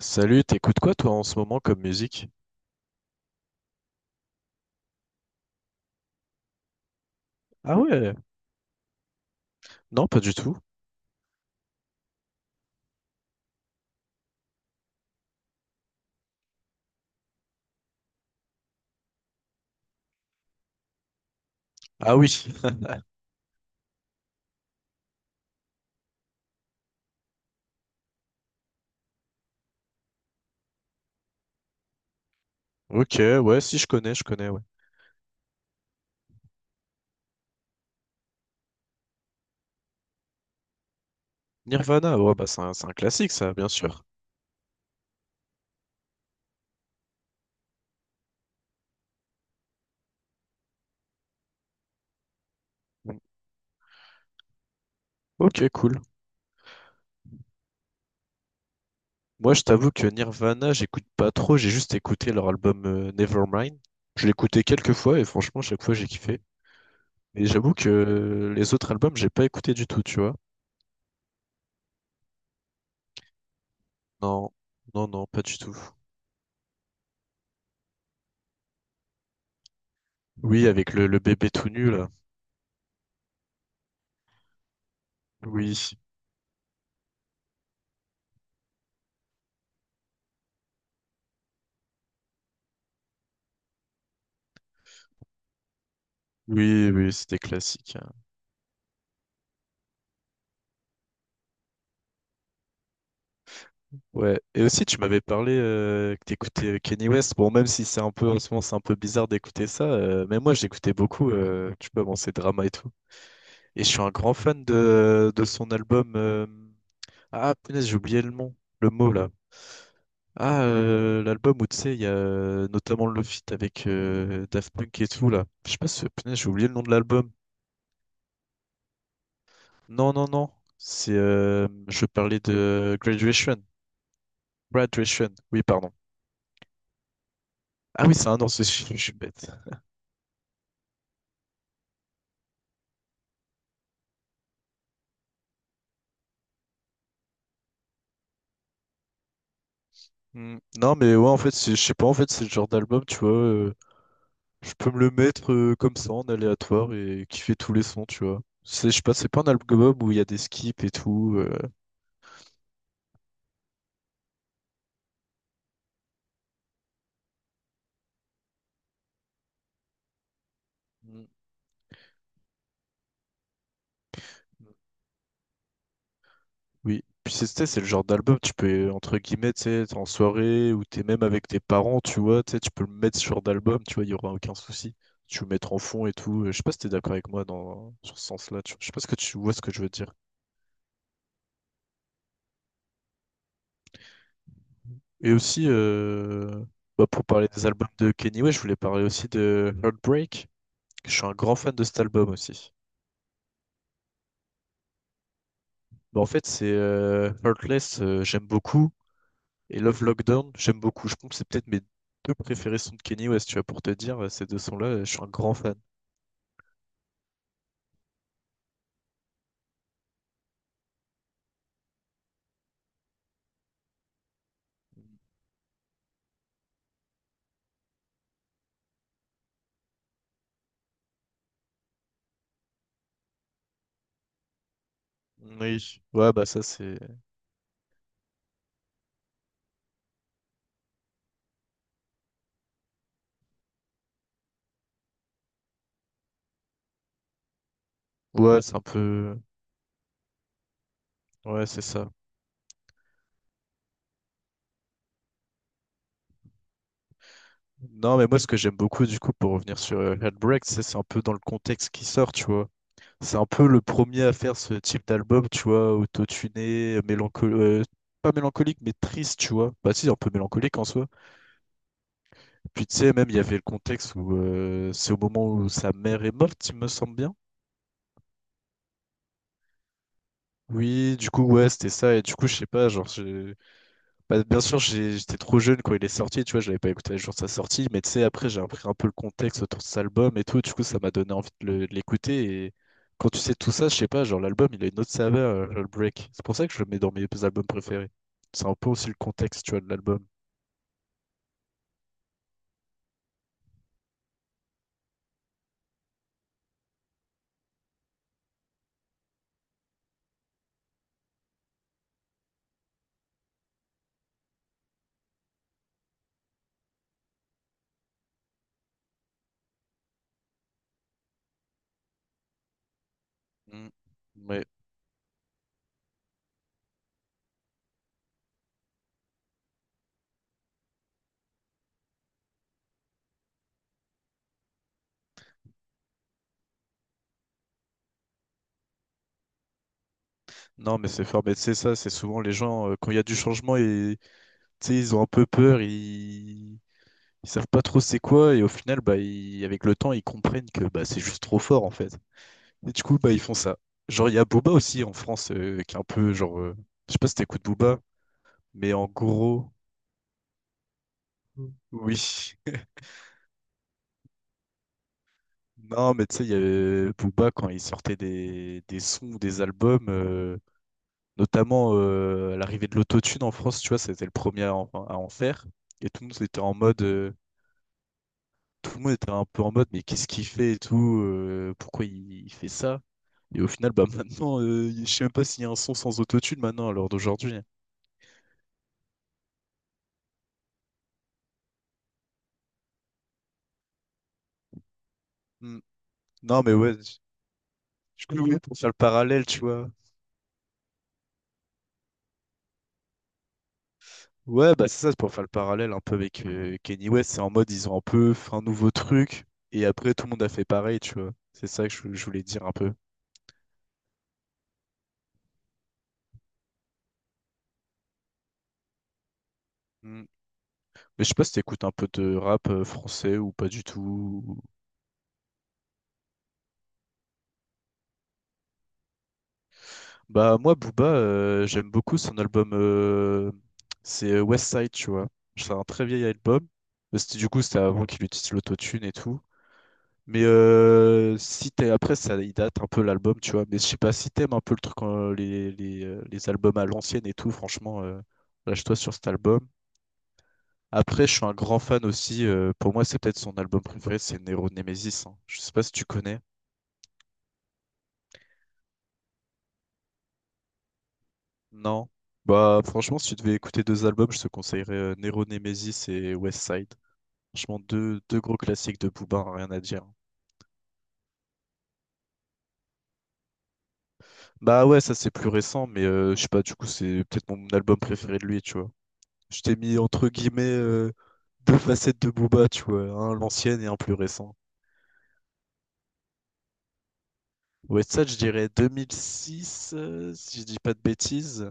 Salut, t'écoutes quoi toi en ce moment comme musique? Ah ouais, non pas du tout. Ah oui, ok, ouais, si je connais, je connais, ouais. Nirvana, ouais, bah c'est un classique ça, bien sûr. Ok, cool. Moi je t'avoue que Nirvana, j'écoute pas trop, j'ai juste écouté leur album Nevermind. Je l'ai écouté quelques fois et franchement, chaque fois j'ai kiffé. Mais j'avoue que les autres albums, j'ai pas écouté du tout, tu vois. Non, non, non, pas du tout. Oui, avec le bébé tout nu là. Oui, oui, oui, c'était classique. Ouais, et aussi tu m'avais parlé que t'écoutais Kenny West. Bon, même si c'est un peu en ce moment, c'est un peu bizarre d'écouter ça, mais moi j'écoutais beaucoup, tu peux bon, ces dramas et tout. Et je suis un grand fan de son album. Ah, punaise, j'ai oublié le nom, le mot là. Ah, l'album où tu sais, il y a notamment le feat avec Daft Punk et tout là. Je sais pas si, punaise, j'ai oublié le nom de l'album. Non, non, non, c'est. Je parlais de Graduation. Graduation, oui, pardon. Ah oui, c'est un danseur, je suis bête. Hmm. Non, mais ouais, en fait, je sais pas, en fait, c'est le genre d'album, tu vois. Je peux me le mettre comme ça, en aléatoire, et kiffer tous les sons, tu vois. C'est, je sais pas, c'est pas un album où il y a des skips et tout. Mm. Oui, puis c'est tu sais, c'est le genre d'album, tu peux, entre guillemets, tu sais, t'es en soirée ou t'es même avec tes parents, tu vois, tu sais, tu peux le mettre sur d'album, tu vois, il n'y aura aucun souci. Tu peux le mettre en fond et tout. Je sais pas si t'es d'accord avec moi dans, sur ce sens-là, tu vois. Je sais pas ce que tu vois ce que je veux dire. Et aussi, bah, pour parler des albums de Kenny West, je voulais parler aussi de Heartbreak. Je suis un grand fan de cet album aussi. Bah, en fait, c'est Heartless, j'aime beaucoup. Et Love Lockdown, j'aime beaucoup. Je pense que c'est peut-être mes deux préférés sont de Kenny West, tu vois, pour te dire, ces deux sons-là, je suis un grand fan. Oui. Ouais, bah ça c'est. Ouais, c'est un peu. Ouais, c'est ça. Non, mais moi ce que j'aime beaucoup du coup pour revenir sur Heartbreak, c'est un peu dans le contexte qui sort, tu vois. C'est un peu le premier à faire ce type d'album, tu vois, autotuné, mélancolique, pas mélancolique, mais triste, tu vois. Bah si, un peu mélancolique en soi. Puis tu sais, même, il y avait le contexte où c'est au moment où sa mère est morte, il me semble bien. Oui, du coup, ouais, c'était ça. Et du coup, je sais pas, genre. Bah, bien sûr, j'étais trop jeune quand il est sorti, tu vois, j'avais pas écouté le jour de sa sortie, mais tu sais, après, j'ai appris un peu le contexte autour de cet album et tout, du coup, ça m'a donné envie de l'écouter. Et quand tu sais tout ça, je sais pas, genre, l'album, il a une autre saveur, le break. C'est pour ça que je le mets dans mes albums préférés. C'est un peu aussi le contexte, tu vois, de l'album. Mm. Ouais. Non, mais c'est fort, mais tu sais, ça, c'est souvent les gens, quand il y a du changement, et, tu sais, ils ont un peu peur, ils... ils savent pas trop c'est quoi, et au final, bah, avec le temps, ils comprennent que bah, c'est juste trop fort, en fait. Et du coup, bah, ils font ça. Genre, il y a Booba aussi en France qui est un peu genre. Je sais pas si t'écoutes Booba, mais en gros, oui. Non, mais tu sais, il y avait Booba quand il sortait des sons, des albums, notamment à l'arrivée de l'autotune en France, tu vois, c'était le premier à en faire. Et tout le monde était en mode. Tout le monde était un peu en mode, mais qu'est-ce qu'il fait et tout pourquoi il fait ça? Et au final, bah maintenant, je sais même pas s'il y a un son sans autotune maintenant, à l'heure d'aujourd'hui. Hein. Hmm. Non, mais ouais. Je connais pour faire le parallèle, tu vois. Ouais, bah c'est ça, c'est pour faire le parallèle un peu avec Kanye West. C'est en mode, ils ont un peu fait un nouveau truc, et après, tout le monde a fait pareil, tu vois. C'est ça que je voulais dire un peu. Mm. Mais je sais pas si t'écoutes un peu de rap français ou pas du tout. ou- Bah, moi, Booba, j'aime beaucoup son album. C'est West Side, tu vois. C'est un très vieil album. C'était, du coup, c'était avant qu'il utilise l'autotune et tout. Mais si t'es après ça il date un peu l'album tu vois mais je sais pas si t'aimes un peu le truc les albums à l'ancienne et tout franchement lâche-toi sur cet album. Après je suis un grand fan aussi pour moi c'est peut-être son album préféré c'est Nero Nemesis hein. Je sais pas si tu connais. Non. Bah franchement si tu devais écouter deux albums je te conseillerais Nero Nemesis et West Side. Franchement deux gros classiques de Booba hein, rien à dire. Hein. Bah ouais ça c'est plus récent mais je sais pas du coup c'est peut-être mon album préféré de lui tu vois. Je t'ai mis entre guillemets deux facettes de Booba, tu vois, un l'ancienne et un plus récent. Ouais, ça, je dirais 2006, si je dis pas de bêtises.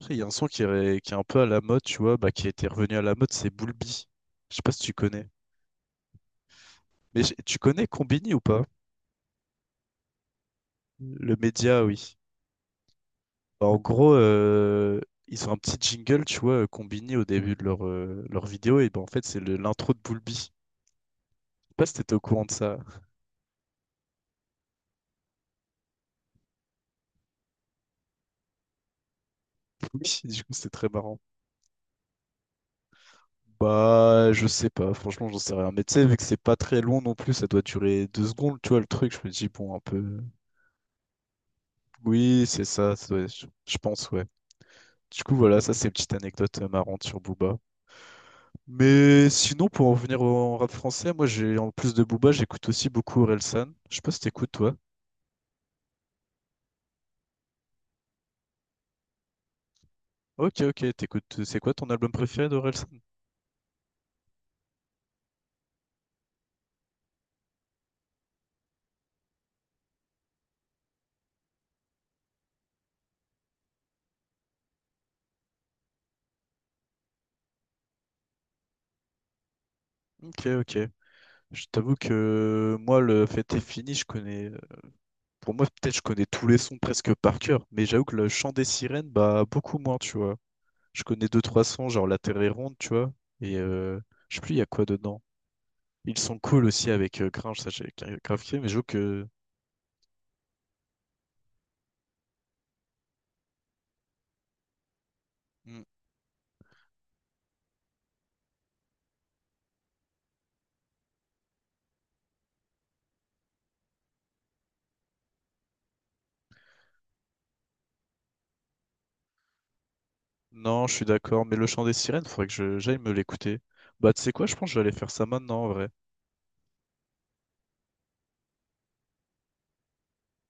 Après, il y a un son qui est un peu à la mode, tu vois, bah, qui était revenu à la mode, c'est Bulbi. Je sais pas si tu connais. Mais tu connais Combini ou pas? Le média, oui. Bah, en gros, ils ont un petit jingle, tu vois, Combini au début de leur vidéo, et bah, en fait, c'est l'intro de Bulbi. Je sais pas si t'étais au courant de ça. Oui, du coup, c'était très marrant. Bah, je sais pas, franchement, j'en sais rien. Mais tu sais, vu que c'est pas très long non plus, ça doit durer deux secondes, tu vois, le truc. Je me dis, bon, un peu. Oui, c'est ça, je pense, ouais. Du coup, voilà, ça, c'est une petite anecdote marrante sur Booba. Mais sinon, pour en venir au rap français, moi, j'ai en plus de Booba, j'écoute aussi beaucoup Orelsan. Je sais pas si t'écoutes, toi. Ok, ok, t'écoutes. C'est quoi ton album préféré d'Orelsan? Ok, ok. Je t'avoue que moi, le fête est fini, je connais. Pour moi, peut-être je connais tous les sons presque par cœur, mais j'avoue que le chant des sirènes, bah beaucoup moins, tu vois. Je connais deux, trois sons, genre La Terre est ronde, tu vois. Et je sais plus, il y a quoi dedans. Ils sont cool aussi avec Gringe, ça j'ai grave kiffé, mais j'avoue que. Hmm. Non, je suis d'accord, mais le chant des sirènes, faudrait que j'aille me l'écouter. Bah, tu sais quoi, je pense que je vais aller faire ça maintenant en vrai.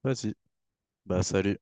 Vas-y, bah, salut.